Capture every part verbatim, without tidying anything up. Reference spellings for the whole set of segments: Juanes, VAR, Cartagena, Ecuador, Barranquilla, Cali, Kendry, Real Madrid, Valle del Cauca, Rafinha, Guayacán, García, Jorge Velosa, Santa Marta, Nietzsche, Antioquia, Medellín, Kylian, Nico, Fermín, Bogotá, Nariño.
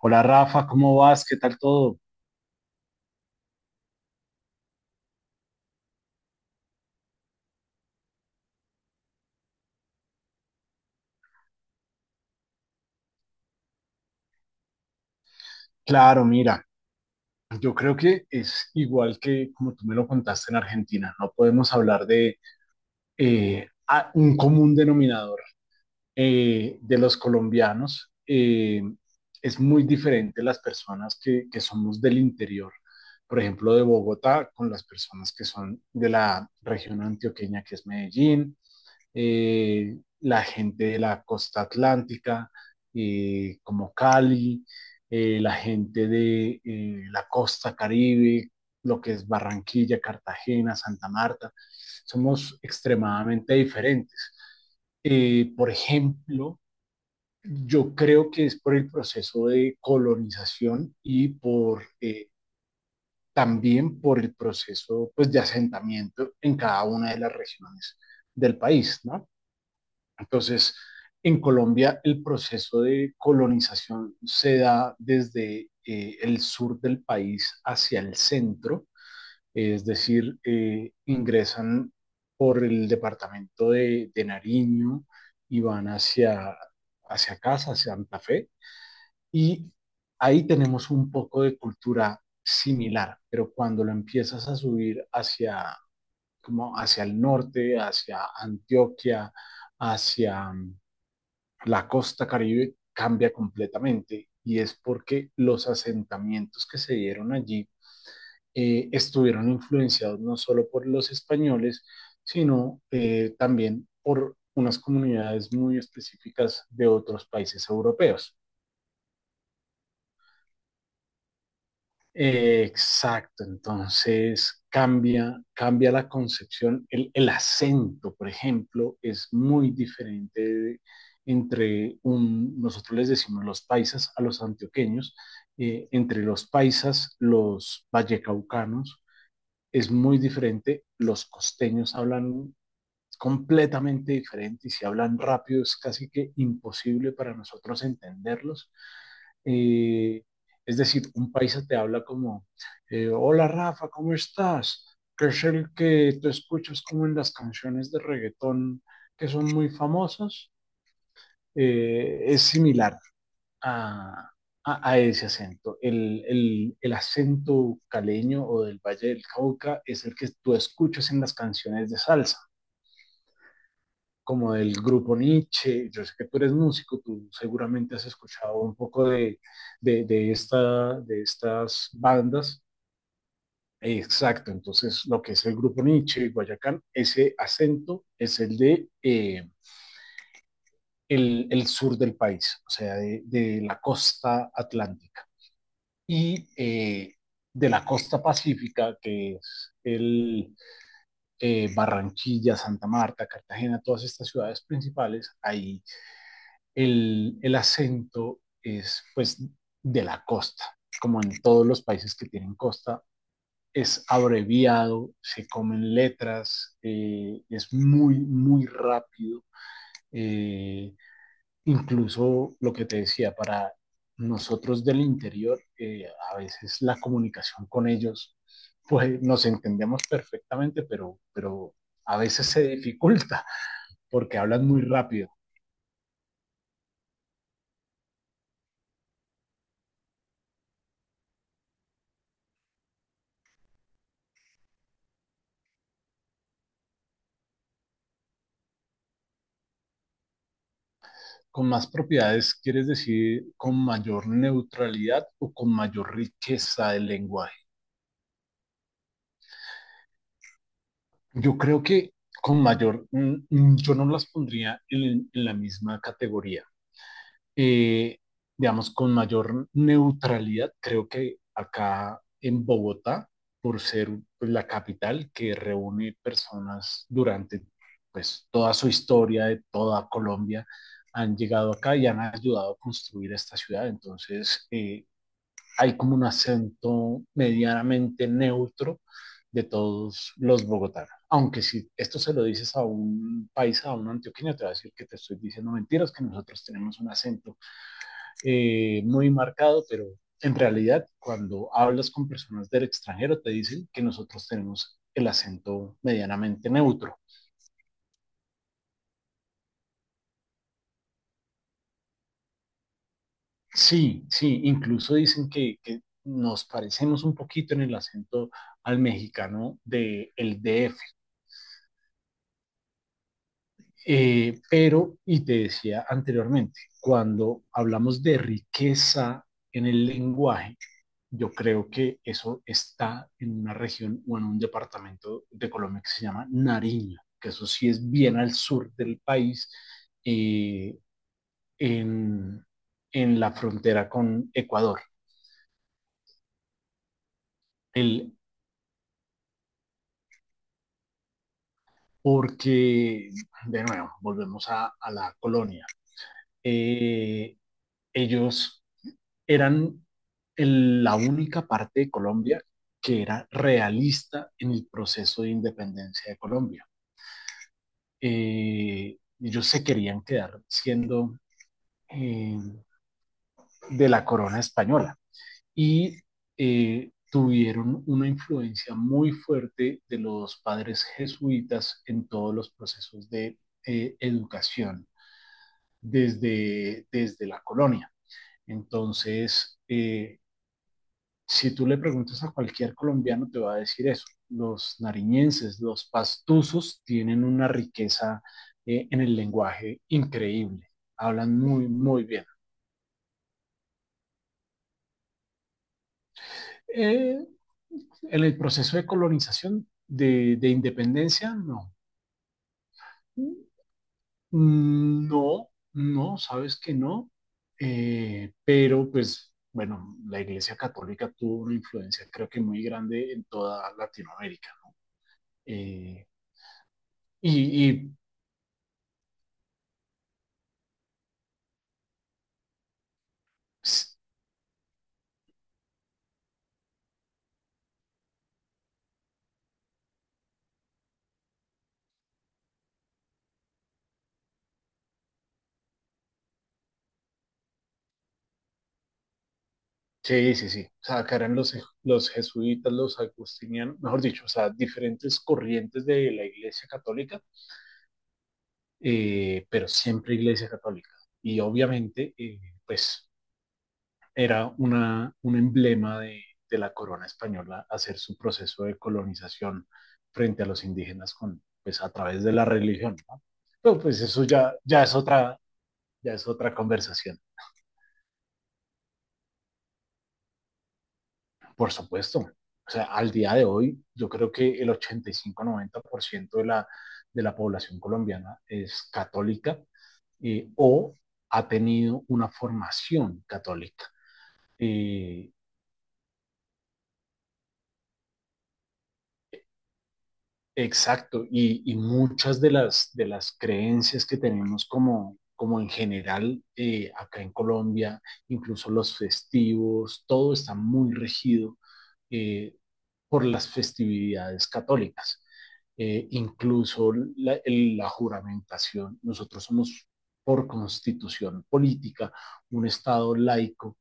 Hola Rafa, ¿cómo vas? ¿Qué tal todo? Claro, mira, yo creo que es igual que como tú me lo contaste en Argentina, no podemos hablar de eh, a- un común denominador eh, de los colombianos. Eh, es muy diferente las personas que, que somos del interior, por ejemplo, de Bogotá, con las personas que son de la región antioqueña, que es Medellín, eh, la gente de la costa atlántica, eh, como Cali, eh, la gente de eh, la costa Caribe, lo que es Barranquilla, Cartagena, Santa Marta, somos extremadamente diferentes. Eh, por ejemplo, yo creo que es por el proceso de colonización y por eh, también por el proceso, pues, de asentamiento en cada una de las regiones del país, ¿no? Entonces, en Colombia el proceso de colonización se da desde eh, el sur del país hacia el centro, es decir, eh, ingresan por el departamento de, de Nariño y van hacia, hacia casa, hacia Santa Fe, y ahí tenemos un poco de cultura similar, pero cuando lo empiezas a subir hacia, como hacia el norte, hacia Antioquia, hacia la costa Caribe cambia completamente, y es porque los asentamientos que se dieron allí eh, estuvieron influenciados no solo por los españoles, sino eh, también por unas comunidades muy específicas de otros países europeos. Eh, exacto, entonces cambia, cambia la concepción. El, el acento, por ejemplo, es muy diferente de- entre un, nosotros les decimos los paisas a los antioqueños, eh, entre los paisas, los vallecaucanos, es muy diferente. Los costeños hablan completamente diferente, y si hablan rápido es casi que imposible para nosotros entenderlos. Eh, es decir, un paisa te habla como, eh, hola Rafa, ¿cómo estás? Que es el que tú escuchas como en las canciones de reggaetón que son muy famosas. Eh, es similar a, a, a ese acento. El, el, el acento caleño o del Valle del Cauca es el que tú escuchas en las canciones de salsa como del grupo Nietzsche. Yo sé que tú eres músico, tú seguramente has escuchado un poco de, de, de esta, de estas bandas. Exacto, entonces lo que es el grupo Nietzsche y Guayacán, ese acento es el de eh, el, el, sur del país, o sea, de, de la costa atlántica. Y eh, de la costa pacífica, que es el eh, Barranquilla, Santa Marta, Cartagena, todas estas ciudades principales. Ahí el, el acento es, pues, de la costa, como en todos los países que tienen costa, es abreviado, se comen letras, eh, es muy, muy rápido. Eh, Incluso lo que te decía, para nosotros del interior, eh, a veces la comunicación con ellos, pues nos entendemos perfectamente, pero, pero a veces se dificulta porque hablan muy rápido. Con más propiedades, ¿quieres decir con mayor neutralidad o con mayor riqueza del lenguaje? Yo creo que con mayor, mm, mm, yo no las pondría en, en la misma categoría. Eh, digamos, con mayor neutralidad, creo que acá en Bogotá, por ser, pues, la capital que reúne personas durante, pues, toda su historia de toda Colombia, han llegado acá y han ayudado a construir esta ciudad. Entonces, eh, hay como un acento medianamente neutro de todos los bogotanos. Aunque si esto se lo dices a un país, a un antioqueño, te va a decir que te estoy diciendo mentiras, que nosotros tenemos un acento eh, muy marcado, pero en realidad cuando hablas con personas del extranjero te dicen que nosotros tenemos el acento medianamente neutro. Sí, sí, incluso dicen que, que nos parecemos un poquito en el acento al mexicano del de D F. Eh, pero, y te decía anteriormente, cuando hablamos de riqueza en el lenguaje, yo creo que eso está en una región o en un departamento de Colombia que se llama Nariño, que eso sí es bien al sur del país, eh, en, en la frontera con Ecuador. El, Porque, de nuevo, volvemos a, a la colonia. Eh, Ellos eran el- la única parte de Colombia que era realista en el proceso de independencia de Colombia. Eh, ellos se querían quedar siendo eh, de la corona española, y eh, tuvieron una influencia muy fuerte de los padres jesuitas en todos los procesos de eh, educación desde, desde la colonia. Entonces, eh, si tú le preguntas a cualquier colombiano, te va a decir eso. Los nariñenses, los pastusos, tienen una riqueza eh, en el lenguaje increíble. Hablan muy, muy bien. Eh, en el proceso de colonización, de, de independencia, no. Mm, No, no, sabes que no. Eh, pero, pues, bueno, la Iglesia Católica tuvo una influencia, creo que muy grande, en toda Latinoamérica, ¿no? Eh, y, y Sí, sí, sí. O sea, que eran los, je- los jesuitas, los agustinianos, mejor dicho, o sea, diferentes corrientes de la Iglesia Católica, eh, pero siempre Iglesia Católica. Y obviamente, eh, pues, era una, un emblema de, de la corona española hacer su proceso de colonización frente a los indígenas con, pues, a través de la religión, ¿no? Pero pues eso ya, ya es otra, ya es otra conversación. Por supuesto. O sea, al día de hoy, yo creo que el ochenta y cinco, noventa por ciento de la, de la población colombiana es católica, eh, o ha tenido una formación católica. Eh, Exacto, y, y muchas de las, de las creencias que tenemos como, como en general, eh, acá en Colombia, incluso los festivos, todo está muy regido eh, por las festividades católicas. Eh, incluso la, el- la juramentación, nosotros somos por constitución política un Estado laico,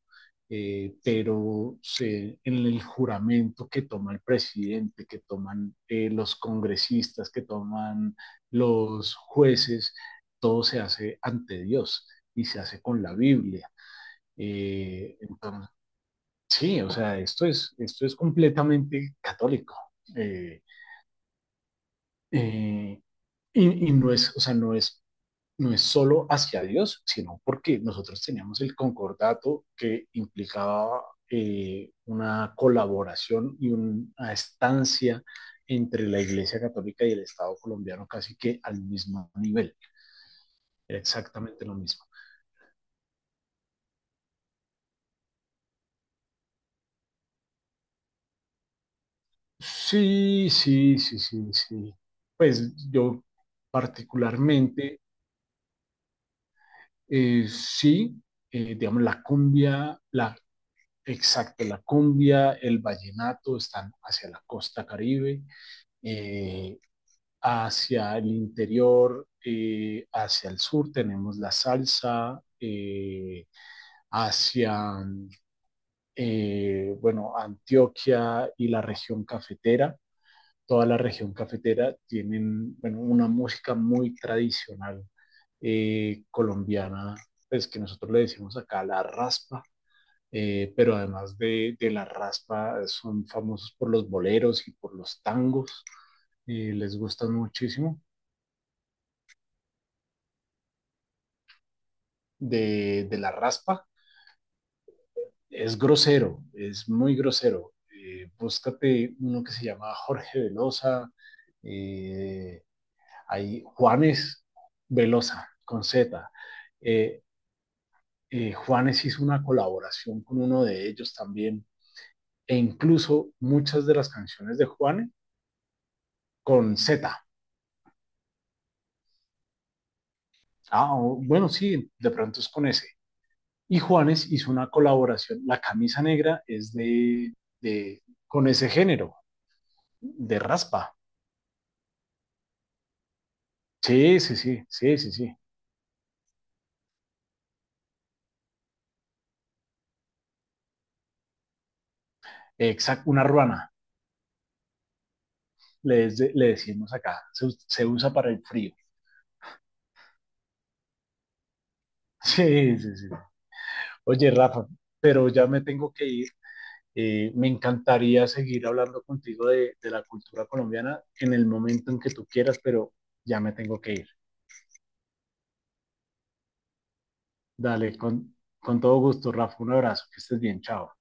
eh, pero se, en el juramento que toma el presidente, que toman eh, los congresistas, que toman los jueces, todo se hace ante Dios y se hace con la Biblia. Eh, entonces, sí, o sea, esto es, esto es completamente católico. Eh, eh, Y, y, no es, o sea, no es, no es solo hacia Dios, sino porque nosotros teníamos el concordato que implicaba eh, una colaboración y una estancia entre la Iglesia Católica y el Estado colombiano casi que al mismo nivel, era exactamente lo mismo. Sí, sí, sí, sí, sí. Pues yo particularmente, eh, sí, eh, digamos, la cumbia, la, exacto, la cumbia, el vallenato están hacia la costa caribe. Eh, Hacia el interior, eh, hacia el sur tenemos la salsa, eh, hacia, eh, bueno, Antioquia y la región cafetera. Toda la región cafetera tienen, bueno, una música muy tradicional eh, colombiana, pues que nosotros le decimos acá la raspa. Eh, pero además de, de la raspa, son famosos por los boleros y por los tangos, eh, les gustan muchísimo. De, de la raspa es grosero, es muy grosero. Eh, búscate uno que se llama Jorge Velosa, eh, hay Juanes Velosa con Z. Eh, eh, Juanes hizo una colaboración con uno de ellos también, e incluso muchas de las canciones de Juanes con Z. Ah, bueno, sí, de pronto es con ese. Y Juanes hizo una colaboración, la camisa negra es de, de con ese género, de raspa. Sí, sí, sí, sí, sí, sí. Exacto, una ruana, le, des- le decimos acá, se, us- se usa para el frío. Sí, sí, sí. Oye, Rafa, pero ya me tengo que ir. Eh, me encantaría seguir hablando contigo de, de la cultura colombiana en el momento en que tú quieras, pero ya me tengo que ir. Dale, con, con todo gusto, Rafa, un abrazo, que estés bien, chao.